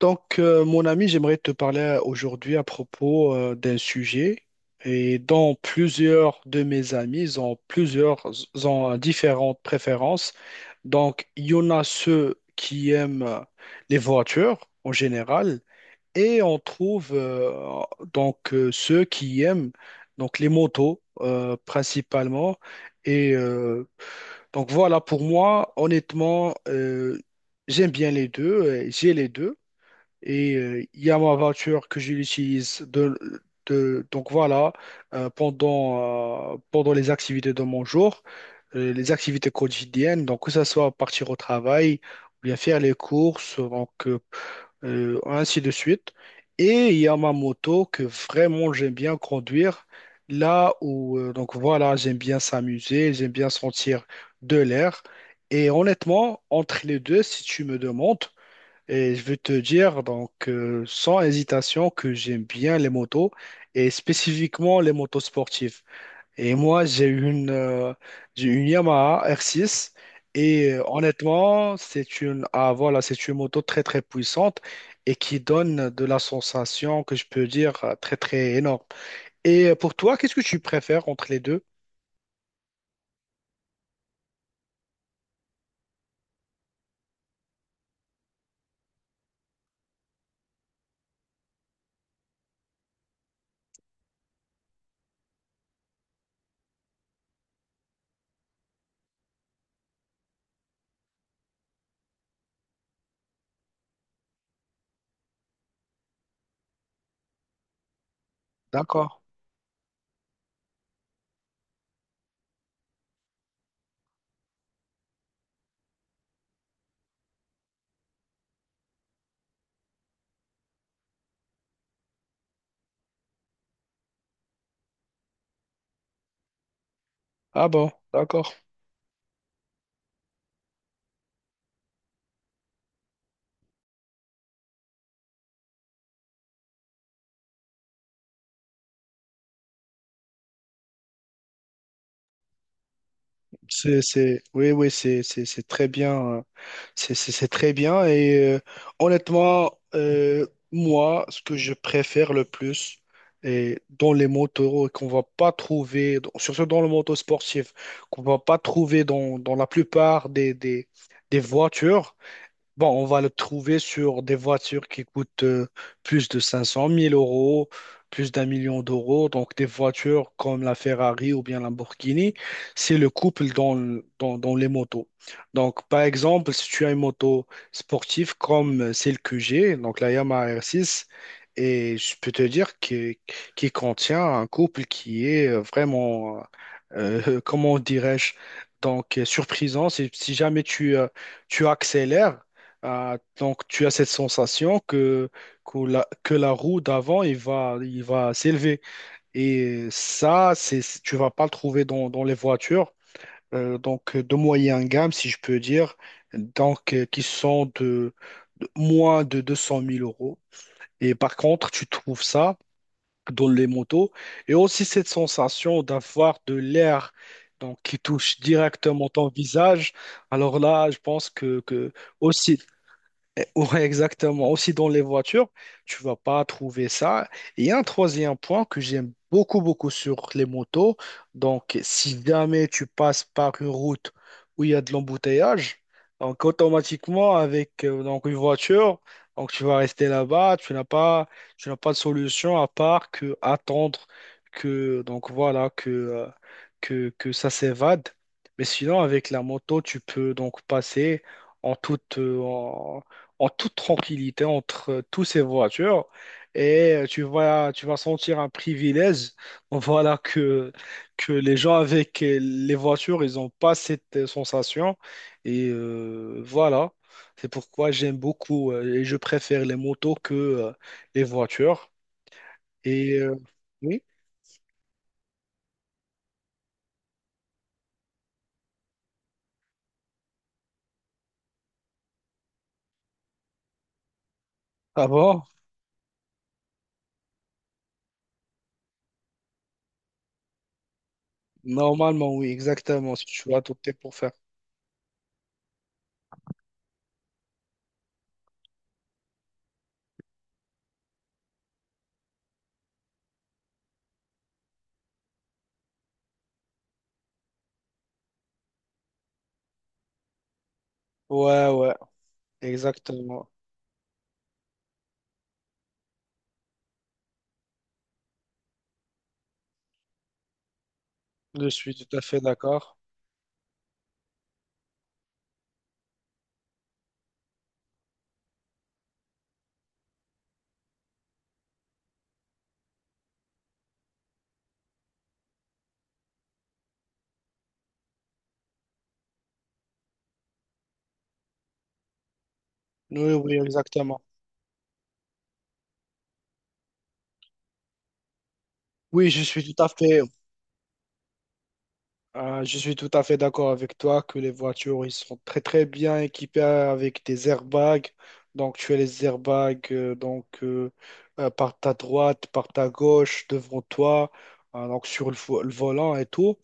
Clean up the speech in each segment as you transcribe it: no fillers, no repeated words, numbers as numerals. Donc, mon ami, j'aimerais te parler aujourd'hui à propos d'un sujet et dont plusieurs de mes amis ils ont différentes préférences. Donc, il y en a ceux qui aiment les voitures en général, et on trouve ceux qui aiment donc les motos principalement. Et donc voilà, pour moi, honnêtement, j'aime bien les deux, et j'ai les deux. Et il y a ma voiture que j'utilise donc voilà pendant les activités de mon jour, les activités quotidiennes, donc que ce soit partir au travail ou bien faire les courses, donc ainsi de suite. Et il y a ma moto que vraiment j'aime bien conduire. Là où, donc voilà, j'aime bien s'amuser, j'aime bien sentir de l'air. Et honnêtement, entre les deux, si tu me demandes, et je veux te dire, donc, sans hésitation, que j'aime bien les motos et spécifiquement les motos sportives. Et moi, j'ai une Yamaha R6, et honnêtement, c'est une moto très, très puissante et qui donne de la sensation que je peux dire très, très énorme. Et pour toi, qu'est-ce que tu préfères entre les deux? D'accord. Ah bon, d'accord. Oui, oui, c'est très bien. C'est, c'est très bien. Et honnêtement, moi, ce que je préfère le plus et dans les motos et qu'on va pas trouver, surtout dans le moto sportif, qu'on va pas trouver dans la plupart des voitures, bon, on va le trouver sur des voitures qui coûtent plus de 500 mille euros, plus d'un million d'euros. Donc, des voitures comme la Ferrari ou bien Lamborghini, c'est le couple dans les motos. Donc, par exemple, si tu as une moto sportive comme celle que j'ai, donc la Yamaha R6, et je peux te dire qu'il contient un couple qui est vraiment, comment dirais-je, donc surprisant. Si jamais tu accélères, ah, donc tu as cette sensation que la roue d'avant il va s'élever, et ça c'est tu vas pas le trouver dans les voitures donc de moyenne gamme, si je peux dire, donc qui sont de moins de 200 000 euros, et par contre tu trouves ça dans les motos, et aussi cette sensation d'avoir de l'air donc qui touche directement ton visage. Alors là, je pense que aussi, ouais, exactement. Aussi dans les voitures, tu vas pas trouver ça. Et un troisième point que j'aime beaucoup, beaucoup sur les motos. Donc, si jamais tu passes par une route où il y a de l'embouteillage, donc automatiquement avec donc une voiture, donc tu vas rester là-bas. Tu n'as pas de solution à part que attendre que donc voilà que ça s'évade. Mais sinon, avec la moto, tu peux donc passer en toute, en toute tranquillité entre tous ces voitures, et tu vas sentir un privilège. Voilà que les gens avec les voitures, ils n'ont pas cette sensation. Et voilà, c'est pourquoi j'aime beaucoup et je préfère les motos que les voitures. Et oui, ah bon? Normalement, oui, exactement, si tu as tout pour faire. Ouais, ouais, exactement. Je suis tout à fait d'accord. Oui, oui, exactement. Oui, je suis tout à fait d'accord avec toi que les voitures, ils sont très très bien équipées avec des airbags. Donc tu as les airbags par ta droite, par ta gauche, devant toi, donc sur le volant et tout.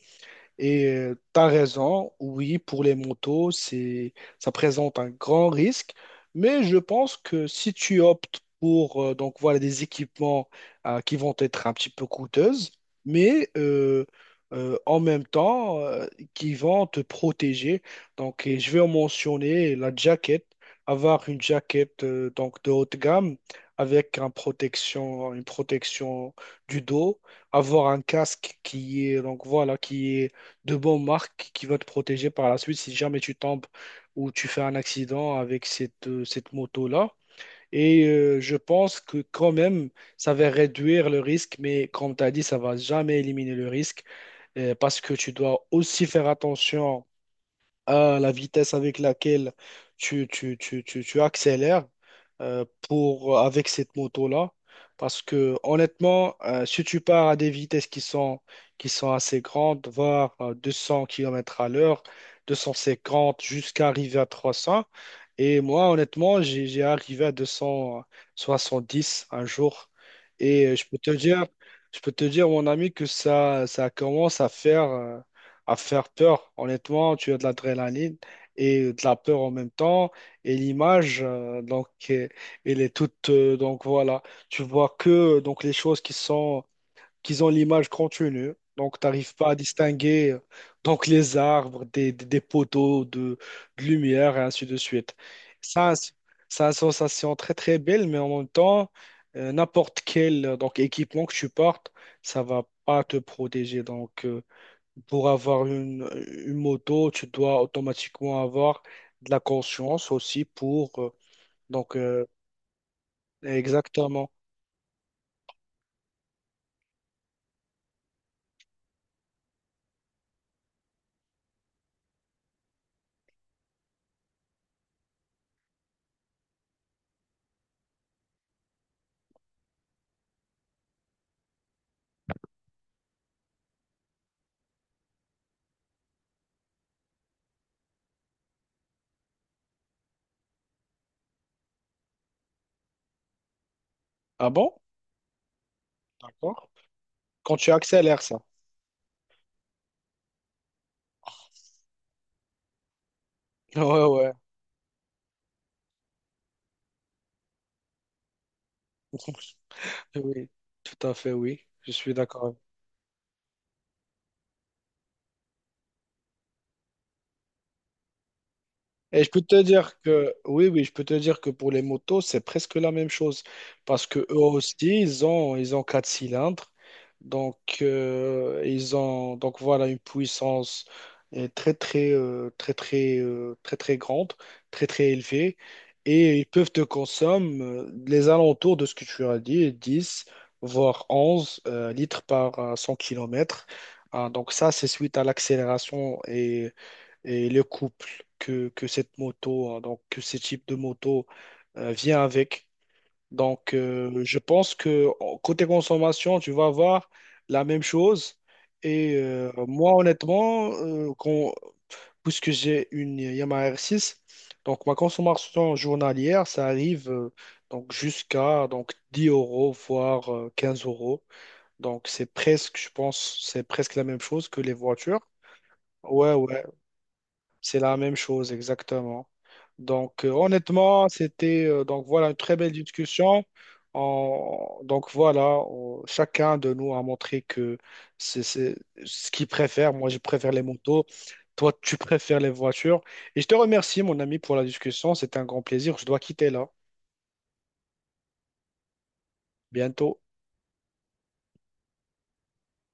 Et t'as raison, oui, pour les motos, ça présente un grand risque, mais je pense que si tu optes pour donc voilà des équipements qui vont être un petit peu coûteuses, mais en même temps qui vont te protéger. Donc, et je vais en mentionner la jaquette, avoir une jaquette donc de haute gamme avec une protection du dos, avoir un casque qui est donc voilà qui est de bonnes marques qui vont te protéger par la suite si jamais tu tombes ou tu fais un accident avec cette moto-là. Et je pense que quand même, ça va réduire le risque, mais comme tu as dit, ça va jamais éliminer le risque, parce que tu dois aussi faire attention à la vitesse avec laquelle tu accélères, avec cette moto-là. Parce que honnêtement, si tu pars à des vitesses qui sont assez grandes, voire 200 km à l'heure, 250 jusqu'à arriver à 300, et moi honnêtement, j'ai arrivé à 270 un jour. Et je peux te dire, je peux te dire, mon ami, que ça commence à faire peur. Honnêtement, tu as de l'adrénaline et de la peur en même temps. Et l'image, elle est toute. Donc voilà, tu vois que donc les choses qui ont l'image continue. Donc, tu n'arrives pas à distinguer donc les arbres des poteaux de lumière et ainsi de suite. Ça, c'est une sensation très très belle, mais en même temps, n'importe quel donc équipement que tu portes, ça va pas te protéger. Donc, pour avoir une moto, tu dois automatiquement avoir de la conscience aussi donc, exactement. Ah bon? D'accord. Quand tu accélères ça. Ouais, ouais. Oui, tout à fait, oui. Je suis d'accord. Et je peux te dire que, oui, oui, je peux te dire que pour les motos, c'est presque la même chose. Parce que eux aussi, ils ont quatre cylindres. Donc, ils ont, donc voilà, une puissance très, très, très, très, très, très grande, très, très élevée. Et ils peuvent te consommer les alentours de ce que tu as dit, 10 voire 11 litres par 100 km. Donc, ça, c'est suite à l'accélération, et le couple que cette moto, hein, donc que ce type de moto vient avec. Donc, je pense que côté consommation, tu vas avoir la même chose. Et moi, honnêtement, puisque j'ai une Yamaha R6, donc ma consommation journalière, ça arrive donc jusqu'à donc 10 euros, voire 15 euros. Donc, c'est presque, je pense, c'est presque la même chose que les voitures. Ouais, ouais. C'est la même chose, exactement. Donc, honnêtement, c'était donc voilà une très belle discussion. Donc voilà, chacun de nous a montré que c'est ce qu'il préfère. Moi, je préfère les motos. Toi, tu préfères les voitures. Et je te remercie, mon ami, pour la discussion. C'était un grand plaisir. Je dois quitter là. Bientôt.